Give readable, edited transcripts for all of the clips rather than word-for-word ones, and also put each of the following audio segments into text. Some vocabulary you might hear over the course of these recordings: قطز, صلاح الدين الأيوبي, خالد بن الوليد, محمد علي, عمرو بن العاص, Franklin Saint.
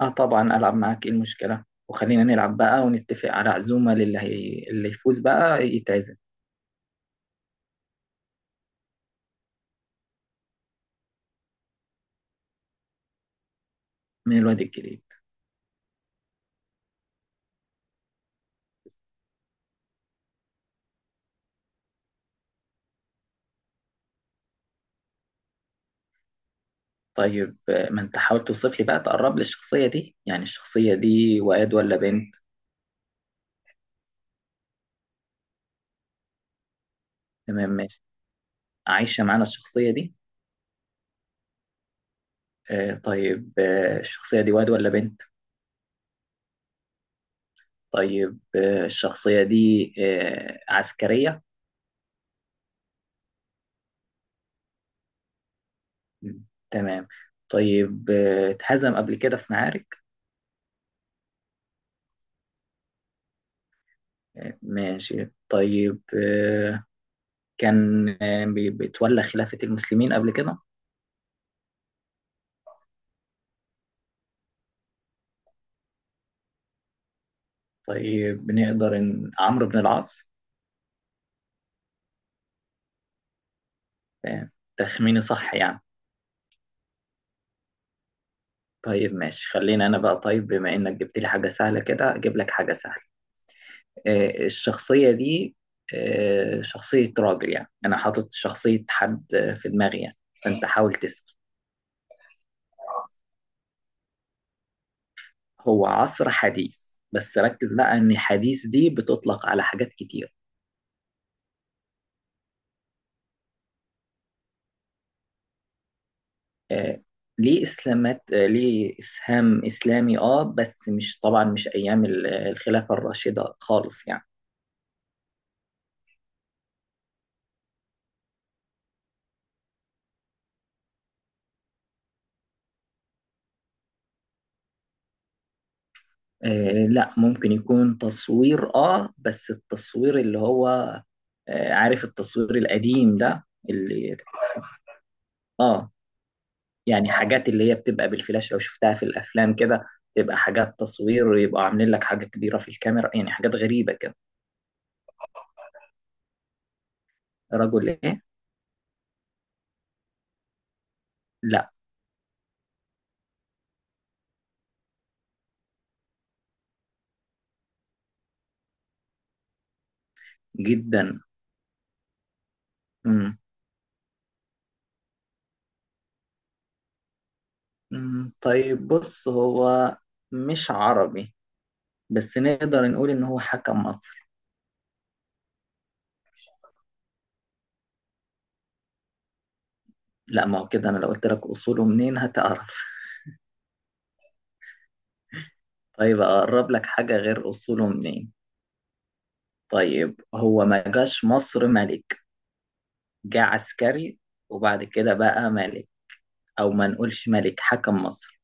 اه، طبعا العب معاك. ايه المشكله؟ وخلينا نلعب بقى ونتفق على عزومه اللي يفوز بقى يتعزم. من الواد الجديد. طيب، ما انت حاول توصف لي بقى، تقرب لي الشخصيه دي. يعني الشخصيه دي واد ولا بنت؟ تمام ماشي. عايشه معانا الشخصيه دي؟ آه، طيب. الشخصيه دي واد ولا بنت؟ طيب، الشخصيه دي عسكريه؟ م، تمام. طيب، اتهزم قبل كده في معارك؟ آه، ماشي. طيب. كان بيتولى خلافة المسلمين قبل كده؟ طيب، بنقدر إن عمرو بن العاص. آه، تخميني صح يعني؟ طيب ماشي. خلينا أنا بقى. طيب، بما إنك جبت لي حاجة سهلة كده، أجيب لك حاجة سهلة. الشخصية دي شخصية راجل. يعني أنا حاطط شخصية حد في دماغي يعني. فأنت حاول تسأل. هو عصر حديث، بس ركز بقى إن حديث دي بتطلق على حاجات كتير. آه، ليه اسلامات آه، ليه اسهام اسلامي. اه، بس مش طبعا، مش ايام الخلافه الراشده خالص يعني. آه، لا. ممكن يكون تصوير، اه، بس التصوير اللي هو... عارف التصوير القديم ده، اللي... اه، يعني حاجات اللي هي بتبقى بالفلاش لو شفتها في الافلام كده. تبقى حاجات تصوير، ويبقى عاملين لك حاجه كبيره في الكاميرا، يعني حاجات غريبه كده. رجل ايه؟ لا. جدا. مم، طيب بص. هو مش عربي، بس نقدر نقول إن هو حكم مصري. لا، ما هو كده. أنا لو قلت لك أصوله منين هتعرف. طيب، أقرب لك حاجة غير أصوله منين. طيب، هو ما جاش مصر ملك. جه عسكري، وبعد كده بقى ملك. أو ما نقولش ملك، حكم مصر.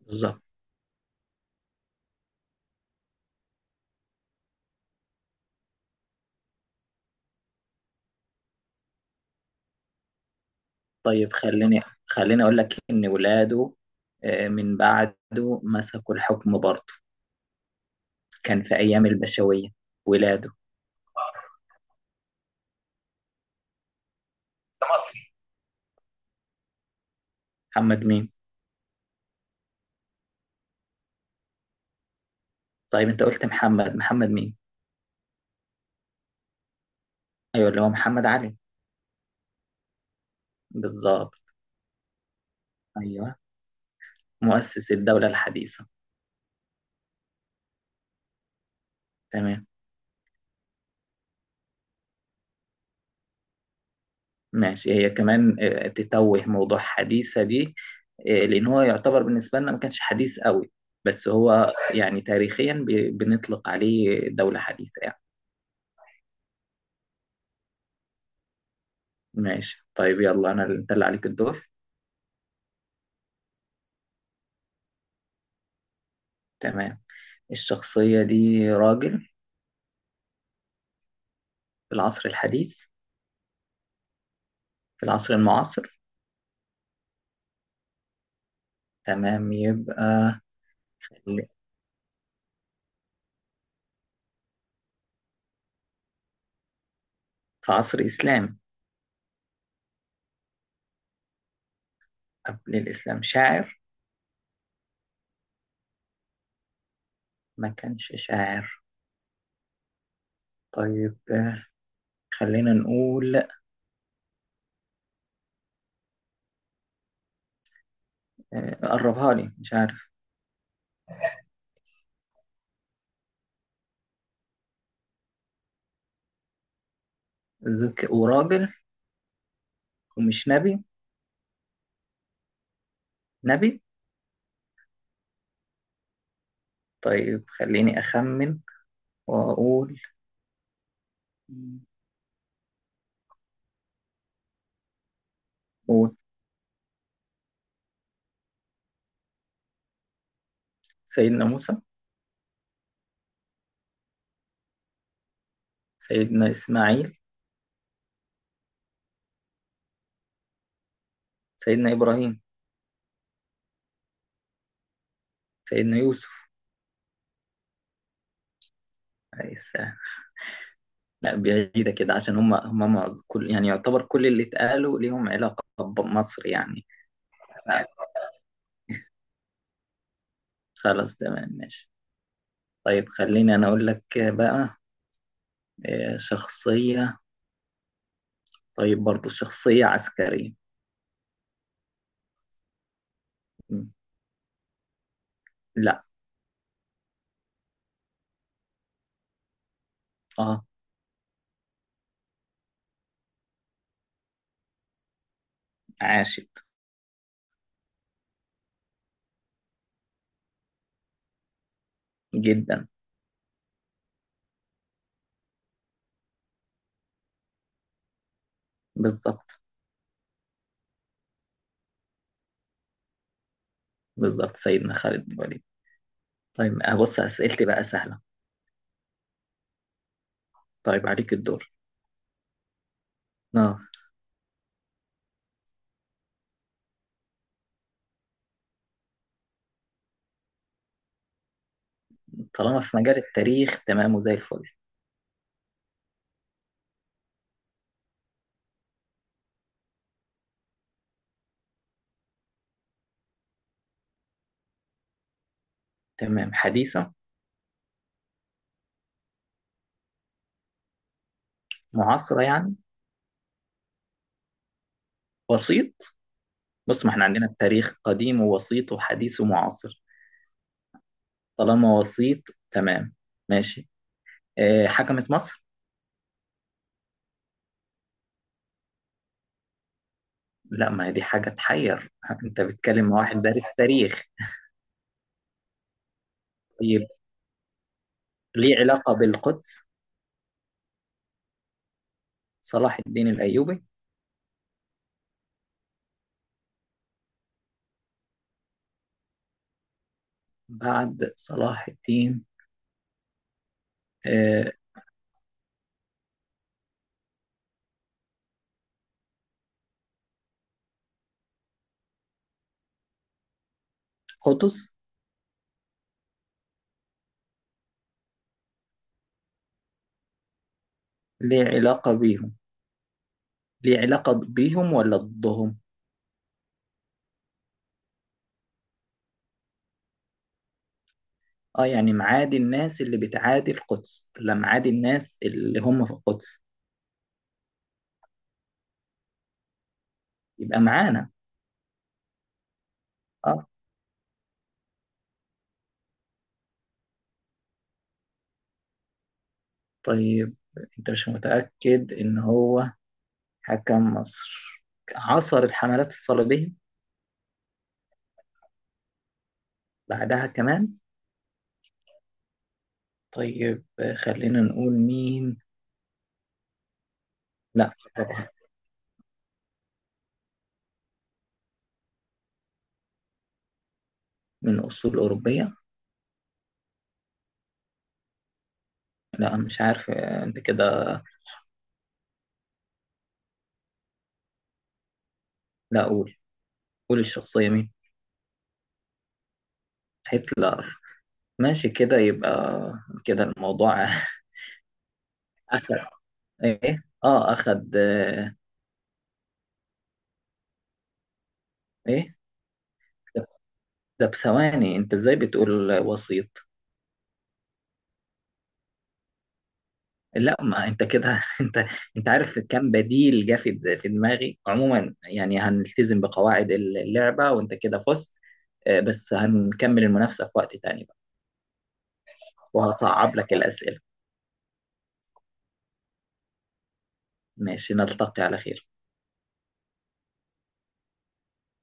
بالظبط. طيب، خليني أقول لك إن ولاده، من بعده، مسكوا الحكم برضه. كان في أيام البشوية، ولاده. ده مصري. محمد مين؟ طيب، انت قلت محمد مين؟ ايوه، اللي هو محمد علي. بالظبط. ايوه. مؤسس الدولة الحديثة. تمام ماشي. هي كمان تتوه، موضوع حديثة دي. لان هو يعتبر بالنسبة لنا ما كانش حديث قوي، بس هو يعني تاريخيا بنطلق عليه دولة حديثة يعني. ماشي طيب، يلا. انت اللي عليك الدور. تمام. الشخصية دي راجل. في العصر الحديث؟ في العصر المعاصر؟ تمام، يبقى ال- في عصر إسلامي؟ قبل الإسلام شاعر؟ ما كانش شاعر. طيب، خلينا نقول قربها لي، مش عارف. وراجل. ومش نبي؟ نبي. طيب، خليني أخمن وأقول. قول. سيدنا موسى. سيدنا إسماعيل. سيدنا إبراهيم. سيدنا يوسف. عيسى. لا، بعيدة كده عشان كل، يعني يعتبر كل اللي اتقالوا ليهم علاقة بمصر يعني. خلاص تمام ماشي. طيب، خليني أنا أقول لك بقى شخصية. طيب، برضو شخصية عسكرية. م. لا. اه. عاشت. جدا. بالظبط. بالظبط، سيدنا خالد بن الوليد. طيب، بص أسئلتي بقى سهلة. طيب، عليك الدور. اه. طالما في مجال التاريخ، تمام وزي الفل. تمام. حديثة؟ معاصرة يعني؟ وسيط؟ بص، ما احنا عندنا التاريخ قديم ووسيط وحديث ومعاصر. طالما وسيط، تمام ماشي. حكمت مصر؟ لا، ما هي دي حاجة تحير. انت بتتكلم مع واحد دارس تاريخ. طيب، ليه علاقة بالقدس؟ صلاح الدين الأيوبي. بعد صلاح الدين. آه، قطز. ليه علاقة بيهم؟ ليه علاقة بيهم ولا ضدهم؟ اه. يعني معادي الناس اللي بتعادي القدس ولا معادي الناس اللي هم في القدس؟ يبقى معانا. اه. طيب، انت مش متأكد ان هو حكم مصر؟ عصر الحملات الصليبية؟ بعدها كمان؟ طيب، خلينا نقول مين. لا طبعا. من أصول أوروبية؟ لا، مش عارف. انت كده. لا، أقول. قول الشخصية مين. هتلر. ماشي، كده يبقى كده الموضوع. أخد إيه آه أخد آه، إيه؟ ده ده بثواني. أنت إزاي بتقول وسيط؟ لا، ما أنت كده. أنت أنت عارف كم بديل جه في دماغي عموما؟ يعني هنلتزم بقواعد اللعبة، وأنت كده فزت. بس هنكمل المنافسة في وقت تاني بقى. وهصعب لك الأسئلة. ماشي، نلتقي على خير.